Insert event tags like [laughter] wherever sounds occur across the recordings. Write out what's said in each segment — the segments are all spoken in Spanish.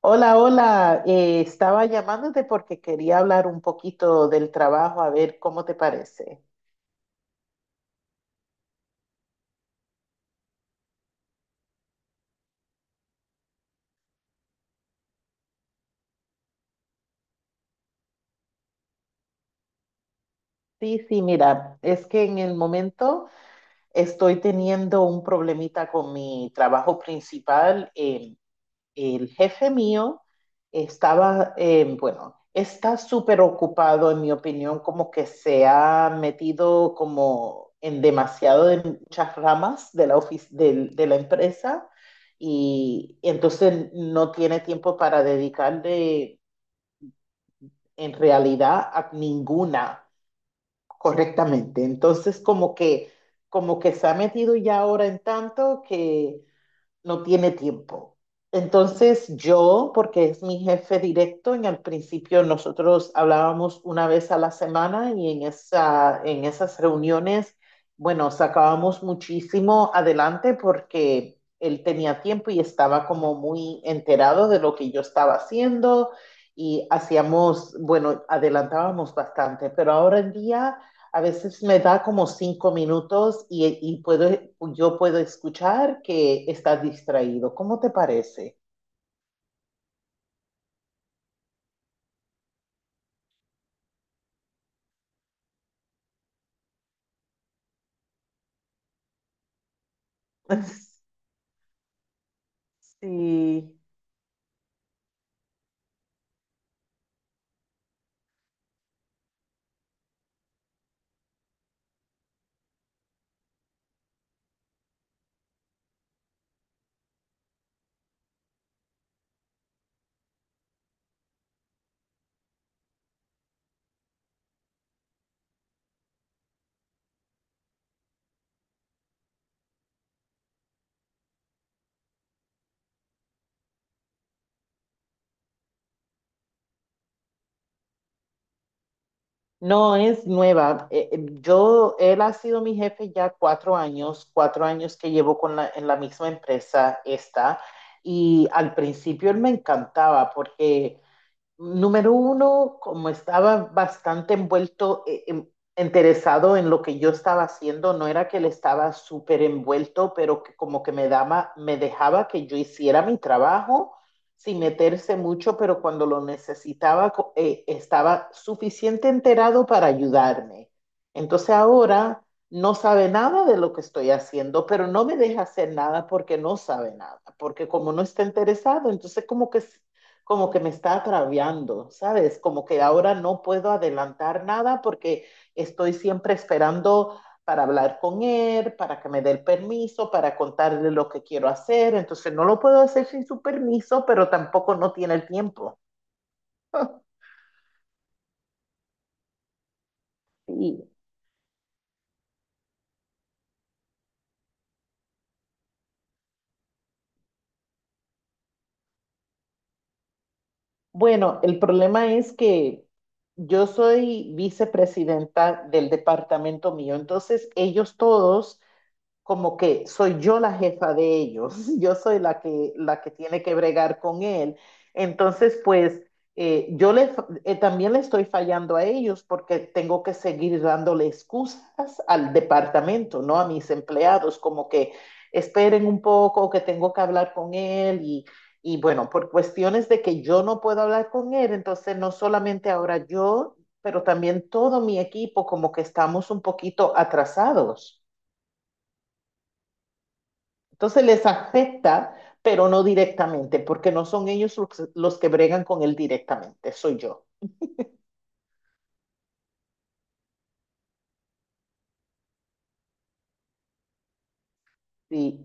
Hola, hola. Estaba llamándote porque quería hablar un poquito del trabajo, a ver cómo te parece. Sí, sí, mira, es que en el momento estoy teniendo un problemita con mi trabajo principal. El jefe mío está súper ocupado, en mi opinión, como que se ha metido como en demasiado de muchas ramas de la empresa y entonces no tiene tiempo para dedicarle en realidad a ninguna correctamente. Entonces como que se ha metido ya ahora en tanto que no tiene tiempo. Entonces yo, porque es mi jefe directo, en el principio nosotros hablábamos una vez a la semana y en esas reuniones, bueno, sacábamos muchísimo adelante porque él tenía tiempo y estaba como muy enterado de lo que yo estaba haciendo y hacíamos, bueno, adelantábamos bastante, pero ahora en día a veces me da como 5 minutos y puedo, yo puedo escuchar que estás distraído. ¿Cómo te parece? [laughs] Sí. No, es nueva. Él ha sido mi jefe ya 4 años, 4 años que llevo en la misma empresa esta, y al principio él me encantaba porque número uno, como estaba bastante envuelto, interesado en lo que yo estaba haciendo, no era que él estaba súper envuelto, pero que como que me daba, me dejaba que yo hiciera mi trabajo sin meterse mucho, pero cuando lo necesitaba, estaba suficiente enterado para ayudarme. Entonces ahora no sabe nada de lo que estoy haciendo, pero no me deja hacer nada porque no sabe nada, porque como no está interesado, entonces como que me está agraviando, ¿sabes? Como que ahora no puedo adelantar nada porque estoy siempre esperando para hablar con él, para que me dé el permiso, para contarle lo que quiero hacer. Entonces no lo puedo hacer sin su permiso, pero tampoco no tiene el tiempo. [laughs] Y bueno, el problema es que yo soy vicepresidenta del departamento mío, entonces ellos todos como que soy yo la jefa de ellos, [laughs] yo soy la que tiene que bregar con él. Entonces, pues eh, yo le, también le estoy fallando a ellos porque tengo que seguir dándole excusas al departamento, ¿no? A mis empleados, como que esperen un poco, que tengo que hablar con él y bueno, por cuestiones de que yo no puedo hablar con él, entonces no solamente ahora yo, pero también todo mi equipo, como que estamos un poquito atrasados. Entonces les afecta, pero no directamente, porque no son ellos los que bregan con él directamente, soy yo. Sí,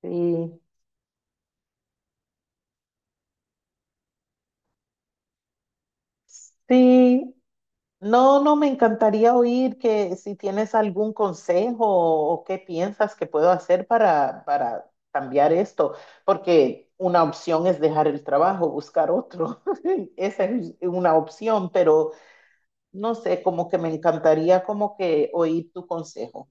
sí, sí. No, no, me encantaría oír que si tienes algún consejo o qué piensas que puedo hacer para cambiar esto, porque una opción es dejar el trabajo, buscar otro. [laughs] Esa es una opción, pero no sé, como que me encantaría como que oír tu consejo.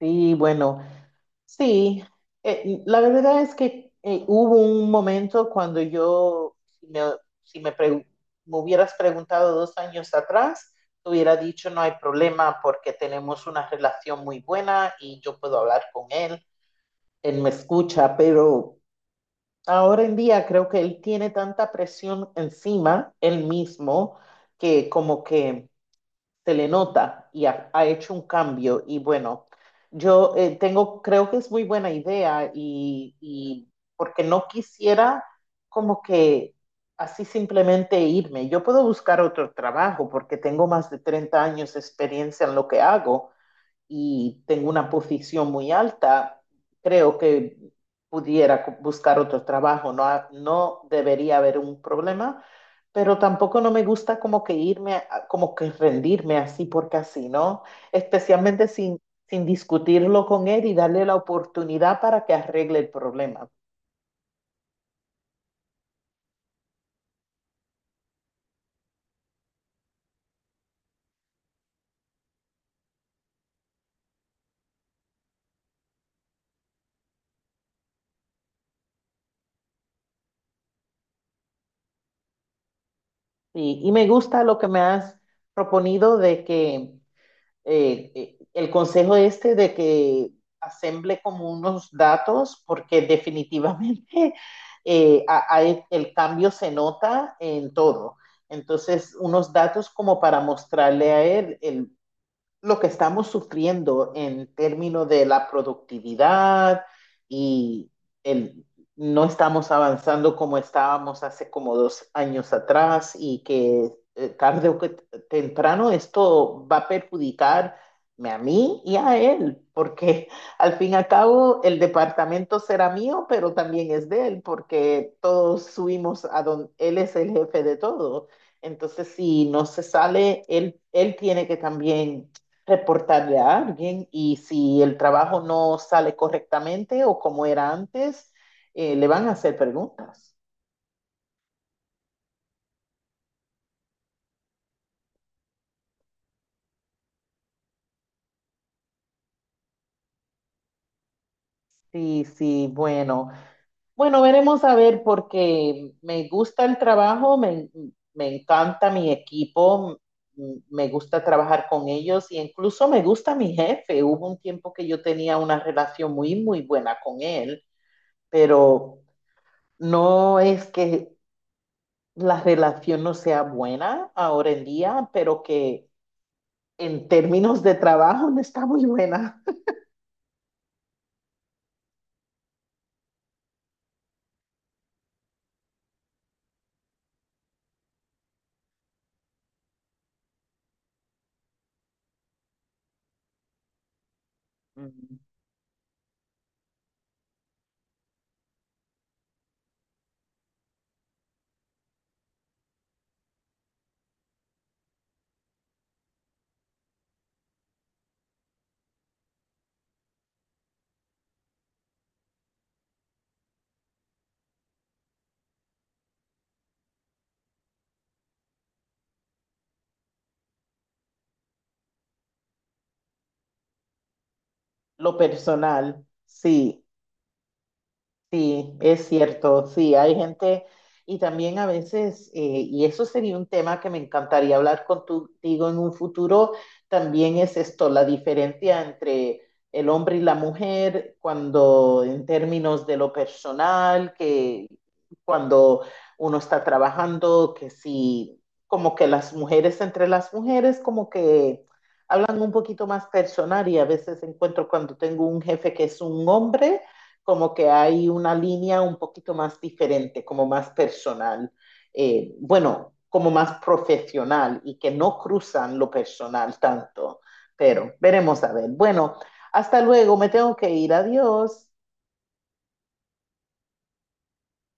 Sí, bueno. Sí, la verdad es que hubo un momento cuando yo, si me pregu- me hubieras preguntado 2 años atrás, te hubiera dicho no hay problema porque tenemos una relación muy buena y yo puedo hablar con él, él me escucha, pero ahora en día creo que él tiene tanta presión encima, él mismo, que como que se le nota y ha hecho un cambio. Y bueno, yo creo que es muy buena idea y porque no quisiera como que así simplemente irme. Yo puedo buscar otro trabajo porque tengo más de 30 años de experiencia en lo que hago y tengo una posición muy alta, creo que pudiera buscar otro trabajo. No, no debería haber un problema, pero tampoco no me gusta como que irme, como que rendirme así porque así, ¿no? Especialmente sin, sin discutirlo con él y darle la oportunidad para que arregle el problema. Y me gusta lo que me has proponido de que el consejo este de que asemble como unos datos, porque definitivamente [laughs] a el cambio se nota en todo. Entonces, unos datos como para mostrarle a él el lo que estamos sufriendo en términos de la productividad y el, no estamos avanzando como estábamos hace como 2 años atrás y que tarde o temprano esto va a perjudicar a mí y a él, porque [laughs] al fin y al cabo el departamento será mío, pero también es de él, porque todos subimos a donde él es el jefe de todo. Entonces, si no se sale, él tiene que también reportarle a alguien y si el trabajo no sale correctamente o como era antes, le van a hacer preguntas. Sí, sí, bueno. Bueno, veremos a ver porque me gusta el trabajo, me encanta mi equipo, me gusta trabajar con ellos y incluso me gusta mi jefe. Hubo un tiempo que yo tenía una relación muy, muy buena con él, pero no es que la relación no sea buena ahora en día, pero que en términos de trabajo no está muy buena. Ujú. Lo personal, sí. Sí, es cierto, sí, hay gente y también a veces, y eso sería un tema que me encantaría hablar contigo en un futuro, también es esto, la diferencia entre el hombre y la mujer cuando en términos de lo personal, que cuando uno está trabajando, que sí, como que las mujeres entre las mujeres, como que hablan un poquito más personal y a veces encuentro cuando tengo un jefe que es un hombre como que hay una línea un poquito más diferente, como más personal, bueno, como más profesional y que no cruzan lo personal tanto, pero veremos a ver. Bueno, hasta luego, me tengo que ir, adiós.